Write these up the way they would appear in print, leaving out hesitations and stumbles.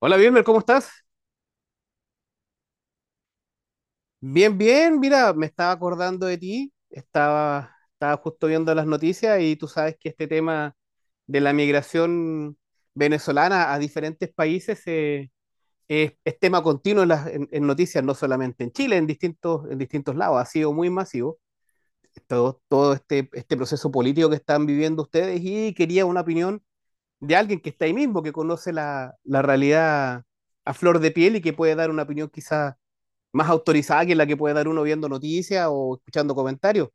Hola, Wilmer, ¿cómo estás? Bien, bien, mira, me estaba acordando de ti, estaba justo viendo las noticias y tú sabes que este tema de la migración venezolana a diferentes países es tema continuo en, las, en noticias, no solamente en Chile, en distintos lados, ha sido muy masivo todo este proceso político que están viviendo ustedes y quería una opinión de alguien que está ahí mismo, que conoce la realidad a flor de piel y que puede dar una opinión quizás más autorizada que la que puede dar uno viendo noticias o escuchando comentarios.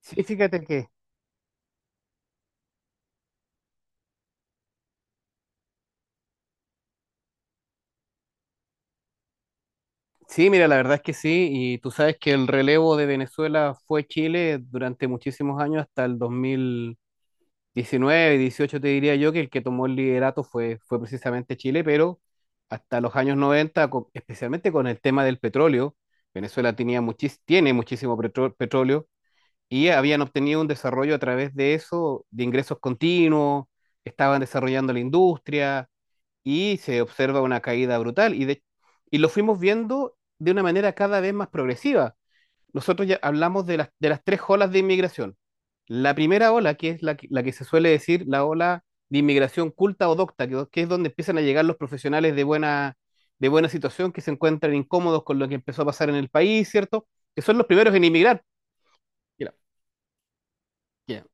Sí, fíjate que sí, mira, la verdad es que sí, y tú sabes que el relevo de Venezuela fue Chile durante muchísimos años, hasta el 2019, 18 te diría yo, que el que tomó el liderato fue precisamente Chile, pero hasta los años 90, especialmente con el tema del petróleo, Venezuela tiene muchísimo petróleo y habían obtenido un desarrollo a través de eso, de ingresos continuos, estaban desarrollando la industria, y se observa una caída brutal. Y lo fuimos viendo de una manera cada vez más progresiva. Nosotros ya hablamos de las, tres olas de inmigración. La primera ola, que es la que se suele decir la ola de inmigración culta o docta, que es donde empiezan a llegar los profesionales de buena situación que se encuentran incómodos con lo que empezó a pasar en el país, ¿cierto? Que son los primeros en inmigrar. Ya, ya.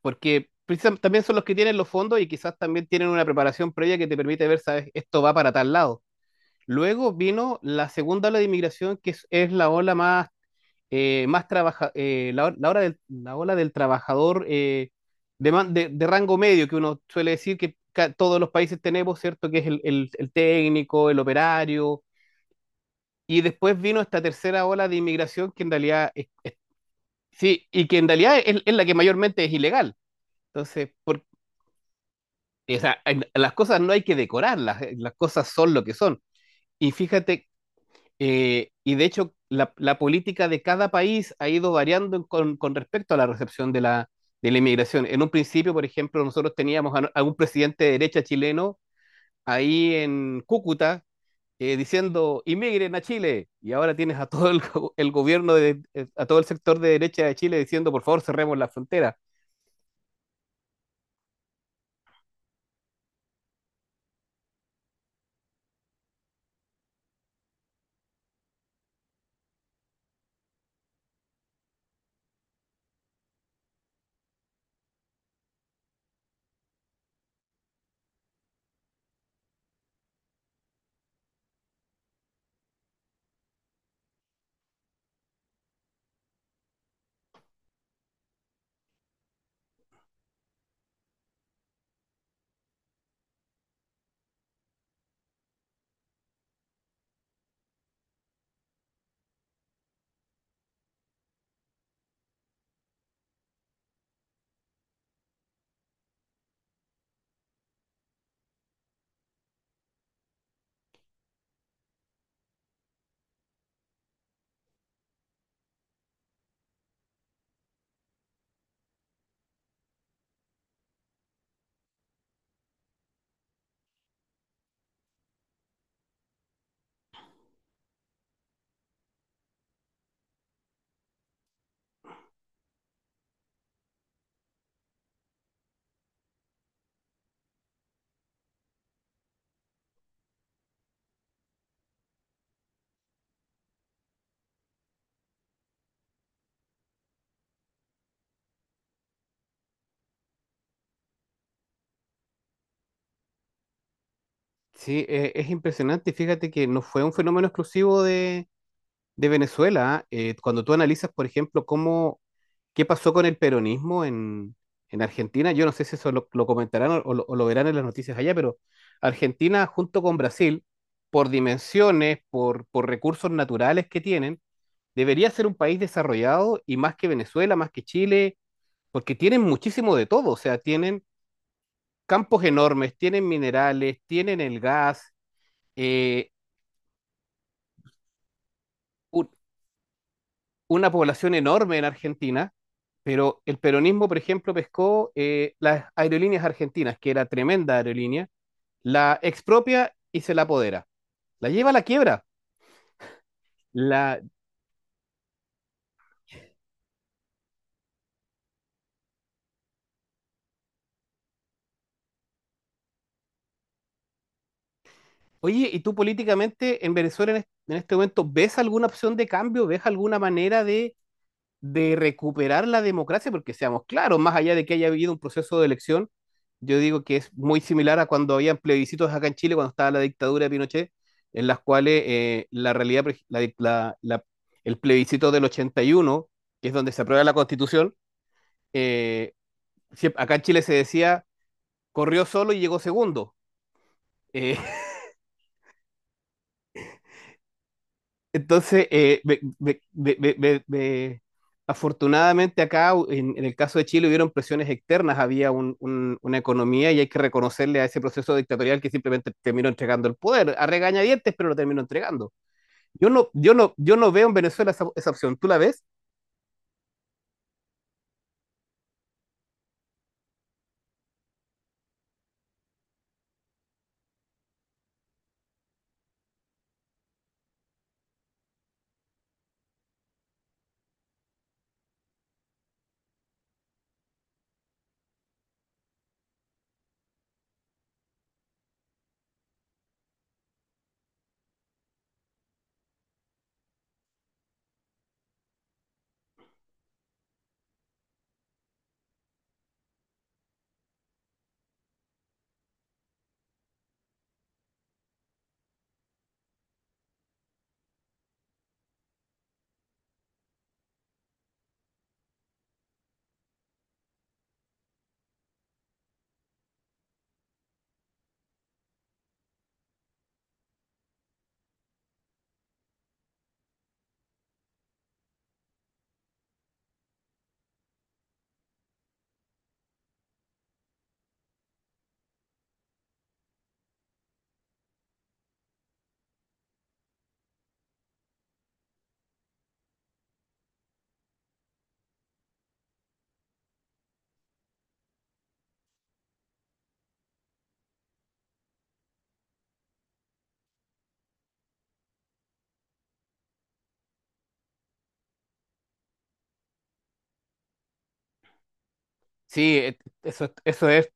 Porque también son los que tienen los fondos y quizás también tienen una preparación previa que te permite ver, ¿sabes? Esto va para tal lado. Luego vino la segunda ola de inmigración, que es la ola más, más trabaja, la, o- la ola del trabajador de rango medio, que uno suele decir que todos los países tenemos, ¿cierto? Que es el técnico, el operario. Y después vino esta tercera ola de inmigración, que en realidad sí, y que en realidad es la que mayormente es ilegal. Entonces, o sea, las cosas no hay que decorarlas, las cosas son lo que son. Y fíjate. Y de hecho, la política de cada país ha ido variando con, respecto a la recepción de la inmigración. En un principio, por ejemplo, nosotros teníamos a un presidente de derecha chileno ahí en Cúcuta diciendo, inmigren a Chile. Y ahora tienes a todo el gobierno, a todo el sector de derecha de Chile diciendo, por favor, cerremos la frontera. Sí, es impresionante. Fíjate que no fue un fenómeno exclusivo de, Venezuela. ¿Ah? Cuando tú analizas, por ejemplo, cómo qué pasó con el peronismo en, Argentina. Yo no sé si eso lo comentarán o lo verán en las noticias allá, pero Argentina junto con Brasil, por dimensiones, por recursos naturales que tienen, debería ser un país desarrollado y más que Venezuela, más que Chile, porque tienen muchísimo de todo, o sea, tienen campos enormes, tienen minerales, tienen el gas, eh, u- una población enorme en Argentina, pero el peronismo, por ejemplo, pescó las aerolíneas argentinas, que era tremenda aerolínea, la expropia y se la apodera. La lleva a la quiebra. La... Oye, ¿y tú políticamente en Venezuela en este momento ves alguna opción de cambio? ¿Ves alguna manera de recuperar la democracia, porque seamos claros, más allá de que haya habido un proceso de elección, yo digo que es muy similar a cuando había plebiscitos acá en Chile, cuando estaba la dictadura de Pinochet, en las cuales la realidad, la, el plebiscito del 81, que es donde se aprueba la constitución, eh, acá en Chile se decía, corrió solo y llegó segundo. Eh, Entonces, afortunadamente acá, en el caso de Chile, hubieron presiones externas, había una economía y hay que reconocerle a ese proceso dictatorial que simplemente terminó entregando el poder, a regañadientes, pero lo terminó entregando. Yo no veo en Venezuela esa, opción. ¿Tú la ves? Sí, eso, eso, es.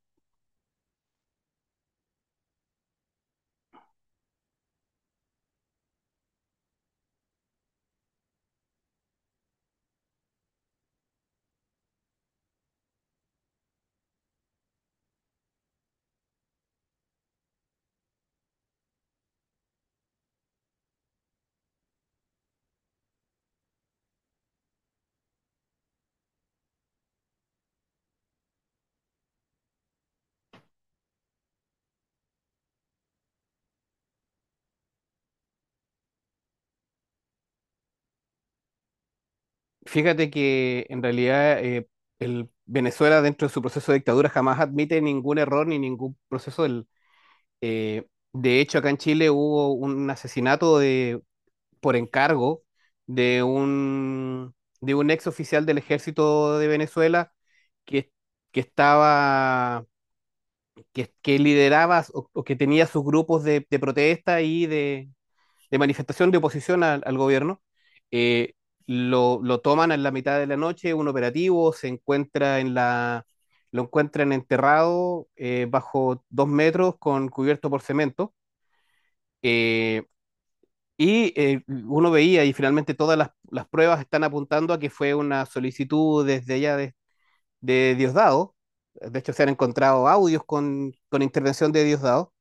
Fíjate que en realidad el Venezuela dentro de su proceso de dictadura jamás admite ningún error ni ningún proceso. Eh, de hecho, acá en Chile hubo un asesinato de, por encargo de un, de un, ex oficial del ejército de Venezuela que, que estaba, que lideraba o que tenía sus grupos de, protesta y de manifestación de oposición al gobierno. Eh, lo toman en la mitad de la noche, un operativo, se encuentra en la, lo encuentran enterrado bajo 2 metros con cubierto por cemento eh, y uno veía, y finalmente todas las, pruebas están apuntando a que fue una solicitud desde allá de, Diosdado. De hecho, se han encontrado audios con intervención de Diosdado.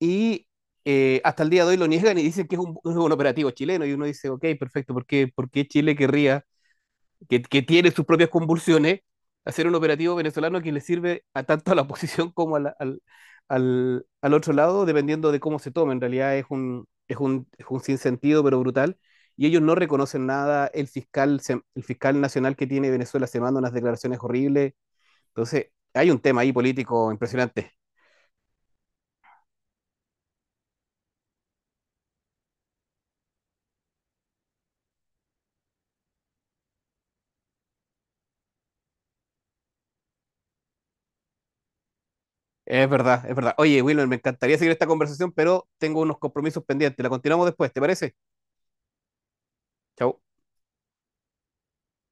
Y Hasta el día de hoy lo niegan y dicen que es un, operativo chileno. Y uno dice, ok, perfecto, ¿por qué Chile querría que tiene sus propias convulsiones, hacer un operativo venezolano que le sirve a tanto a la oposición como a al otro lado, dependiendo de cómo se tome. En realidad es un sinsentido, pero brutal. Y ellos no reconocen nada. El fiscal nacional que tiene Venezuela se manda unas declaraciones horribles. Entonces, hay un tema ahí político impresionante. Es verdad, es verdad. Oye, Wilmer, me encantaría seguir esta conversación, pero tengo unos compromisos pendientes. La continuamos después, ¿te parece? Chau.